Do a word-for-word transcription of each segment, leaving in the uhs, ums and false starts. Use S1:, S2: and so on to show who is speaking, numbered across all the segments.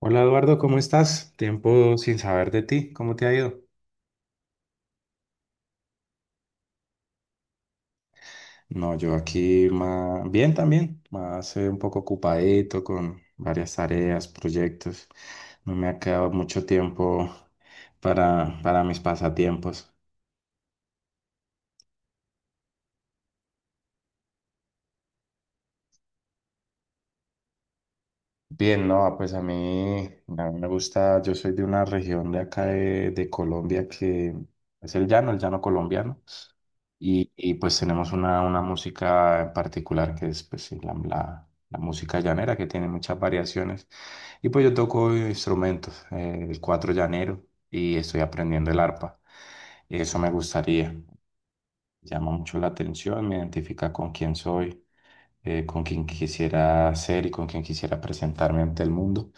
S1: Hola Eduardo, ¿cómo estás? Tiempo sin saber de ti, ¿cómo te ha ido? No, yo aquí más bien también, más eh, un poco ocupadito con varias tareas, proyectos. No me ha quedado mucho tiempo para, para mis pasatiempos. Bien, no, pues a mí, a mí me gusta, yo soy de una región de acá de, de Colombia que es el llano, el llano colombiano. Y, y, pues tenemos una, una música en particular que es pues, sí, la, la- la música llanera que tiene muchas variaciones. Y pues yo toco instrumentos, eh, el cuatro llanero y estoy aprendiendo el arpa. Y eso me gustaría, llama mucho la atención, me identifica con quién soy, eh, con quién quisiera ser y con quién quisiera presentarme ante el mundo.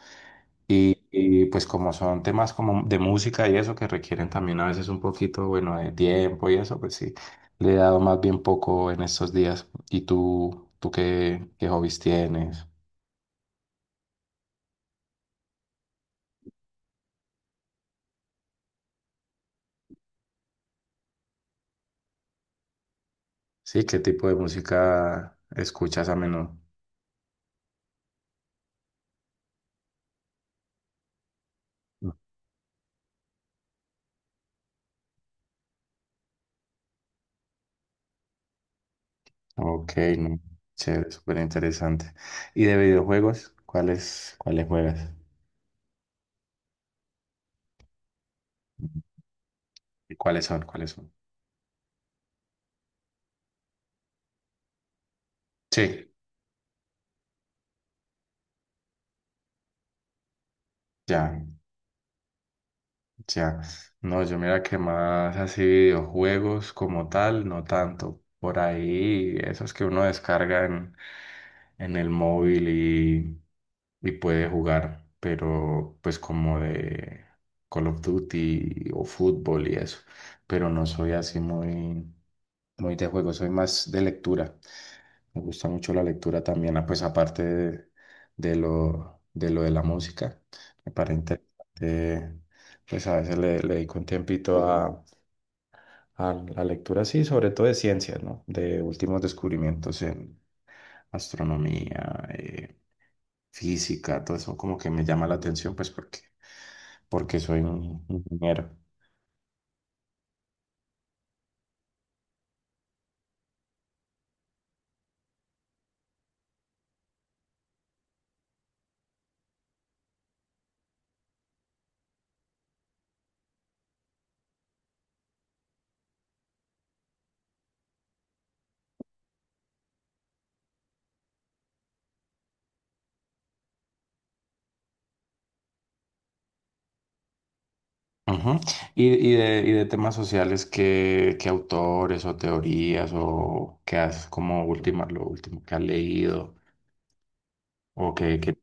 S1: Y pues como son temas como de música y eso que requieren también a veces un poquito, bueno, de tiempo y eso, pues sí, le he dado más bien poco en estos días. ¿Y tú, tú qué, qué hobbies tienes? Sí, ¿qué tipo de música escuchas a menudo? Ok, no, chévere, súper interesante. ¿Y de videojuegos? ¿Cuáles, cuáles juegas? ¿Y cuáles son? ¿Cuáles son? Sí, ya. Ya, no, yo mira que más así videojuegos como tal, no tanto. Por ahí, esos que uno descarga en, en el móvil y, y puede jugar, pero pues como de Call of Duty o fútbol y eso. Pero no soy así muy, muy de juego, soy más de lectura. Me gusta mucho la lectura también, ah, pues aparte de, de lo, de lo de la música, me parece interesante, pues a veces le, le dedico un tiempito a, a la lectura, sí, sobre todo de ciencias, ¿no? De últimos descubrimientos en astronomía, eh, física, todo eso como que me llama la atención, pues porque, porque soy un ingeniero. Ujú. Y, y de, y de temas sociales, ¿qué, qué autores o teorías o qué has como última, lo último que has leído o qué, qué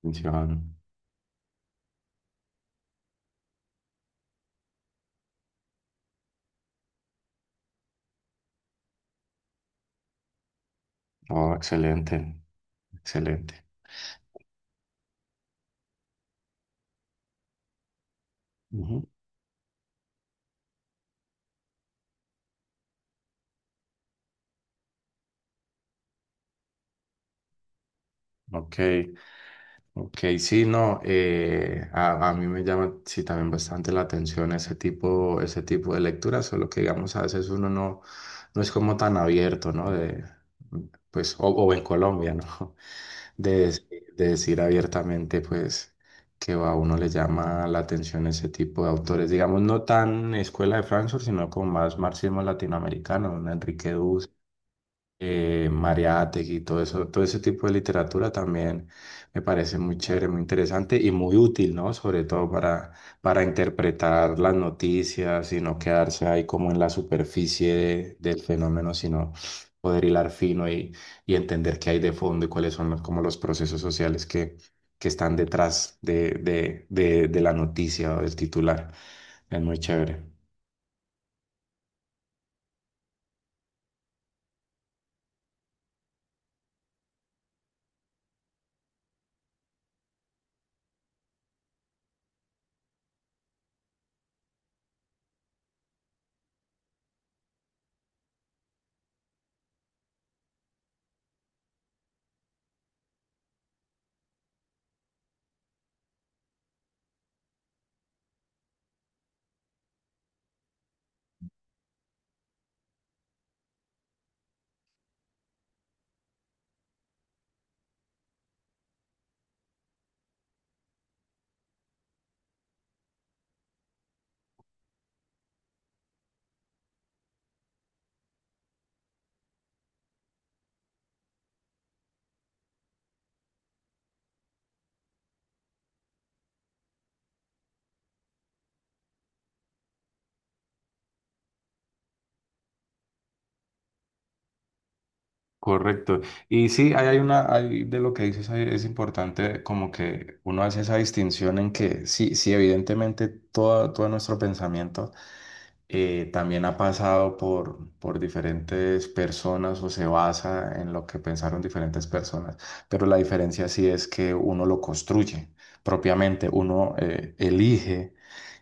S1: atención? Oh, excelente, excelente. Ujú. Ok, ok, sí, no, eh, a, a mí me llama sí también bastante la atención ese tipo, ese tipo de lecturas, solo que digamos a veces uno no, no es como tan abierto, ¿no? De, pues, o, o en Colombia, ¿no? de, dec- de decir abiertamente, pues, que a uno le llama la atención ese tipo de autores, digamos, no tan escuela de Frankfurt, sino como más marxismo latinoamericano, un Enrique eh, Mariátegui y todo eso, todo ese tipo de literatura también me parece muy chévere, muy interesante y muy útil, ¿no? Sobre todo para, para interpretar las noticias y no quedarse ahí como en la superficie de- del fenómeno, sino poder hilar fino y, y entender qué hay de fondo y cuáles son los, como los procesos sociales que, que están detrás de, de, de, de la noticia o del titular. Es muy chévere. Correcto. Y sí, ahí hay una, hay de lo que dices, ahí es importante como que uno hace esa distinción en que sí, sí, evidentemente todo, todo nuestro pensamiento eh, también ha pasado por, por diferentes personas o se basa en lo que pensaron diferentes personas, pero la diferencia sí es que uno lo construye propiamente, uno eh, elige.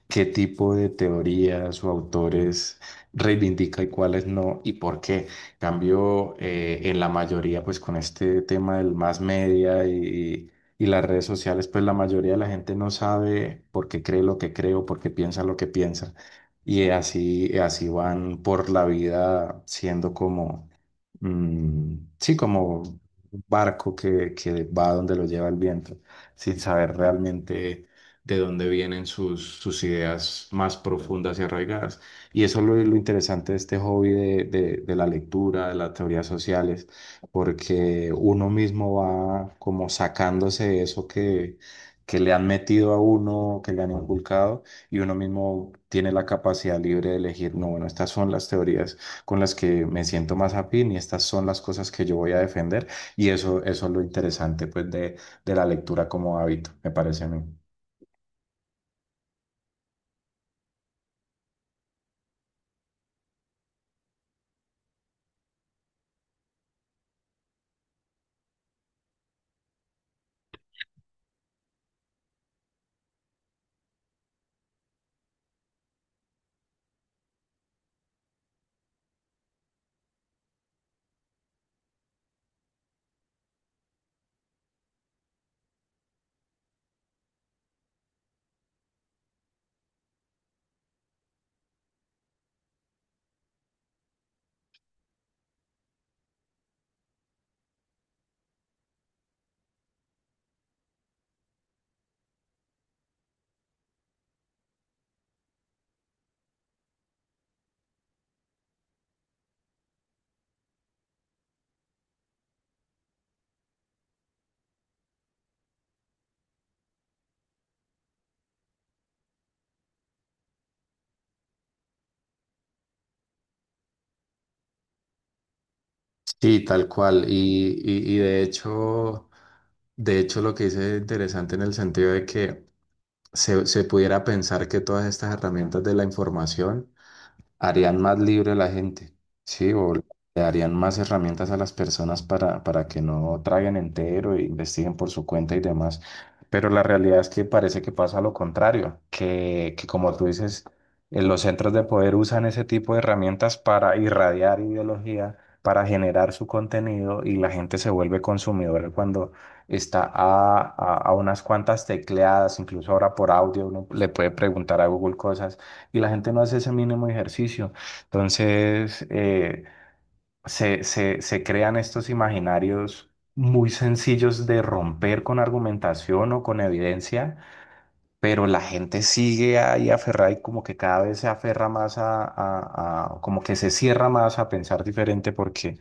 S1: ¿Qué tipo de teorías o autores reivindica y cuáles no y por qué? En cambio, eh, en la mayoría, pues con este tema del más media y, y las redes sociales, pues la mayoría de la gente no sabe por qué cree lo que cree o por qué piensa lo que piensa. Y así, así van por la vida siendo como mm, sí, como un barco que, que va donde lo lleva el viento, sin saber realmente de dónde vienen sus, sus ideas más profundas y arraigadas. Y eso es lo, lo interesante de este hobby de, de, de la lectura, de las teorías sociales, porque uno mismo va como sacándose eso que... que le han metido a uno, que le han inculcado, y uno mismo tiene la capacidad libre de elegir, no, bueno, estas son las teorías con las que me siento más afín y estas son las cosas que yo voy a defender y eso, eso es lo interesante pues de, de la lectura como hábito, me parece a mí. Sí, tal cual. Y, y, y de hecho, de hecho, lo que dice es interesante en el sentido de que se, se pudiera pensar que todas estas herramientas de la información harían más libre a la gente, ¿sí? O le darían más herramientas a las personas para, para que no traguen entero e investiguen por su cuenta y demás. Pero la realidad es que parece que pasa lo contrario, que, que como tú dices, eh, los centros de poder usan ese tipo de herramientas para irradiar ideología, para generar su contenido y la gente se vuelve consumidora cuando está a, a, a unas cuantas tecleadas, incluso ahora por audio uno le puede preguntar a Google cosas y la gente no hace ese mínimo ejercicio. Entonces, eh, se, se, se crean estos imaginarios muy sencillos de romper con argumentación o con evidencia, pero la gente sigue ahí aferrada y como que cada vez se aferra más a, a- a- como que se cierra más a pensar diferente porque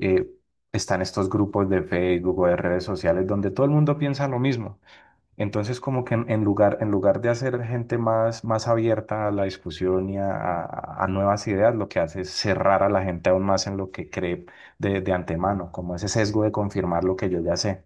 S1: eh, están estos grupos de Facebook o de redes sociales donde todo el mundo piensa lo mismo. Entonces, como que en, en lugar, en lugar de hacer gente más, más abierta a la discusión y a, a- a nuevas ideas, lo que hace es cerrar a la gente aún más en lo que cree de, de antemano, como ese sesgo de confirmar lo que yo ya sé.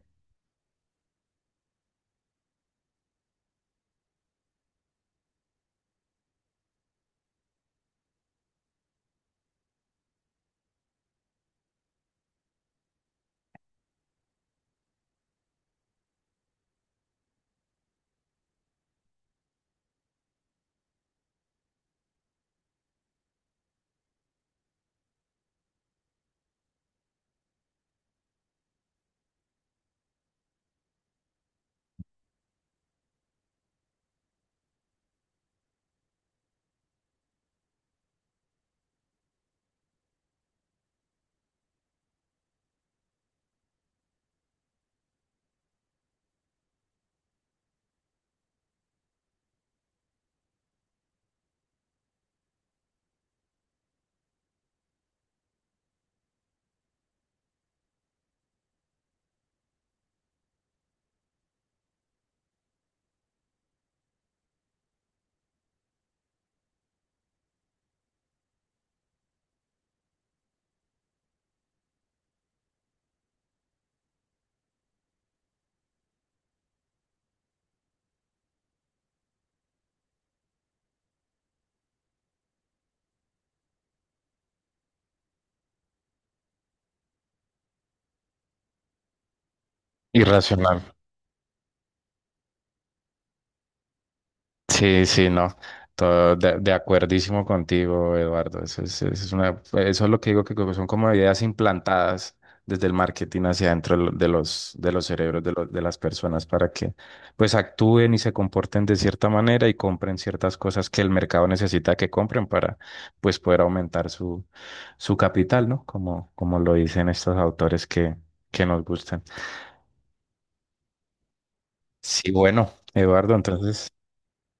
S1: Irracional. Sí, sí, no. Todo de, de acuerdísimo contigo, Eduardo. Eso es, eso es una, eso es lo que digo que como son como ideas implantadas desde el marketing hacia adentro de lo- de los, de los cerebros de, los- de las personas para que pues actúen y se comporten de cierta manera y compren ciertas cosas que el mercado necesita que compren para pues poder aumentar su, su capital, ¿no? Como, como lo dicen estos autores que, que nos gustan. Sí, bueno, Eduardo, entonces.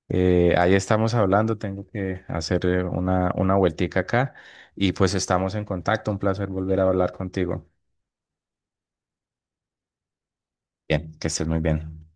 S1: Eh, ahí estamos hablando, tengo que hacer eh, una, una vueltica acá y pues estamos en contacto. Un placer volver a hablar contigo. Bien, que estés muy bien.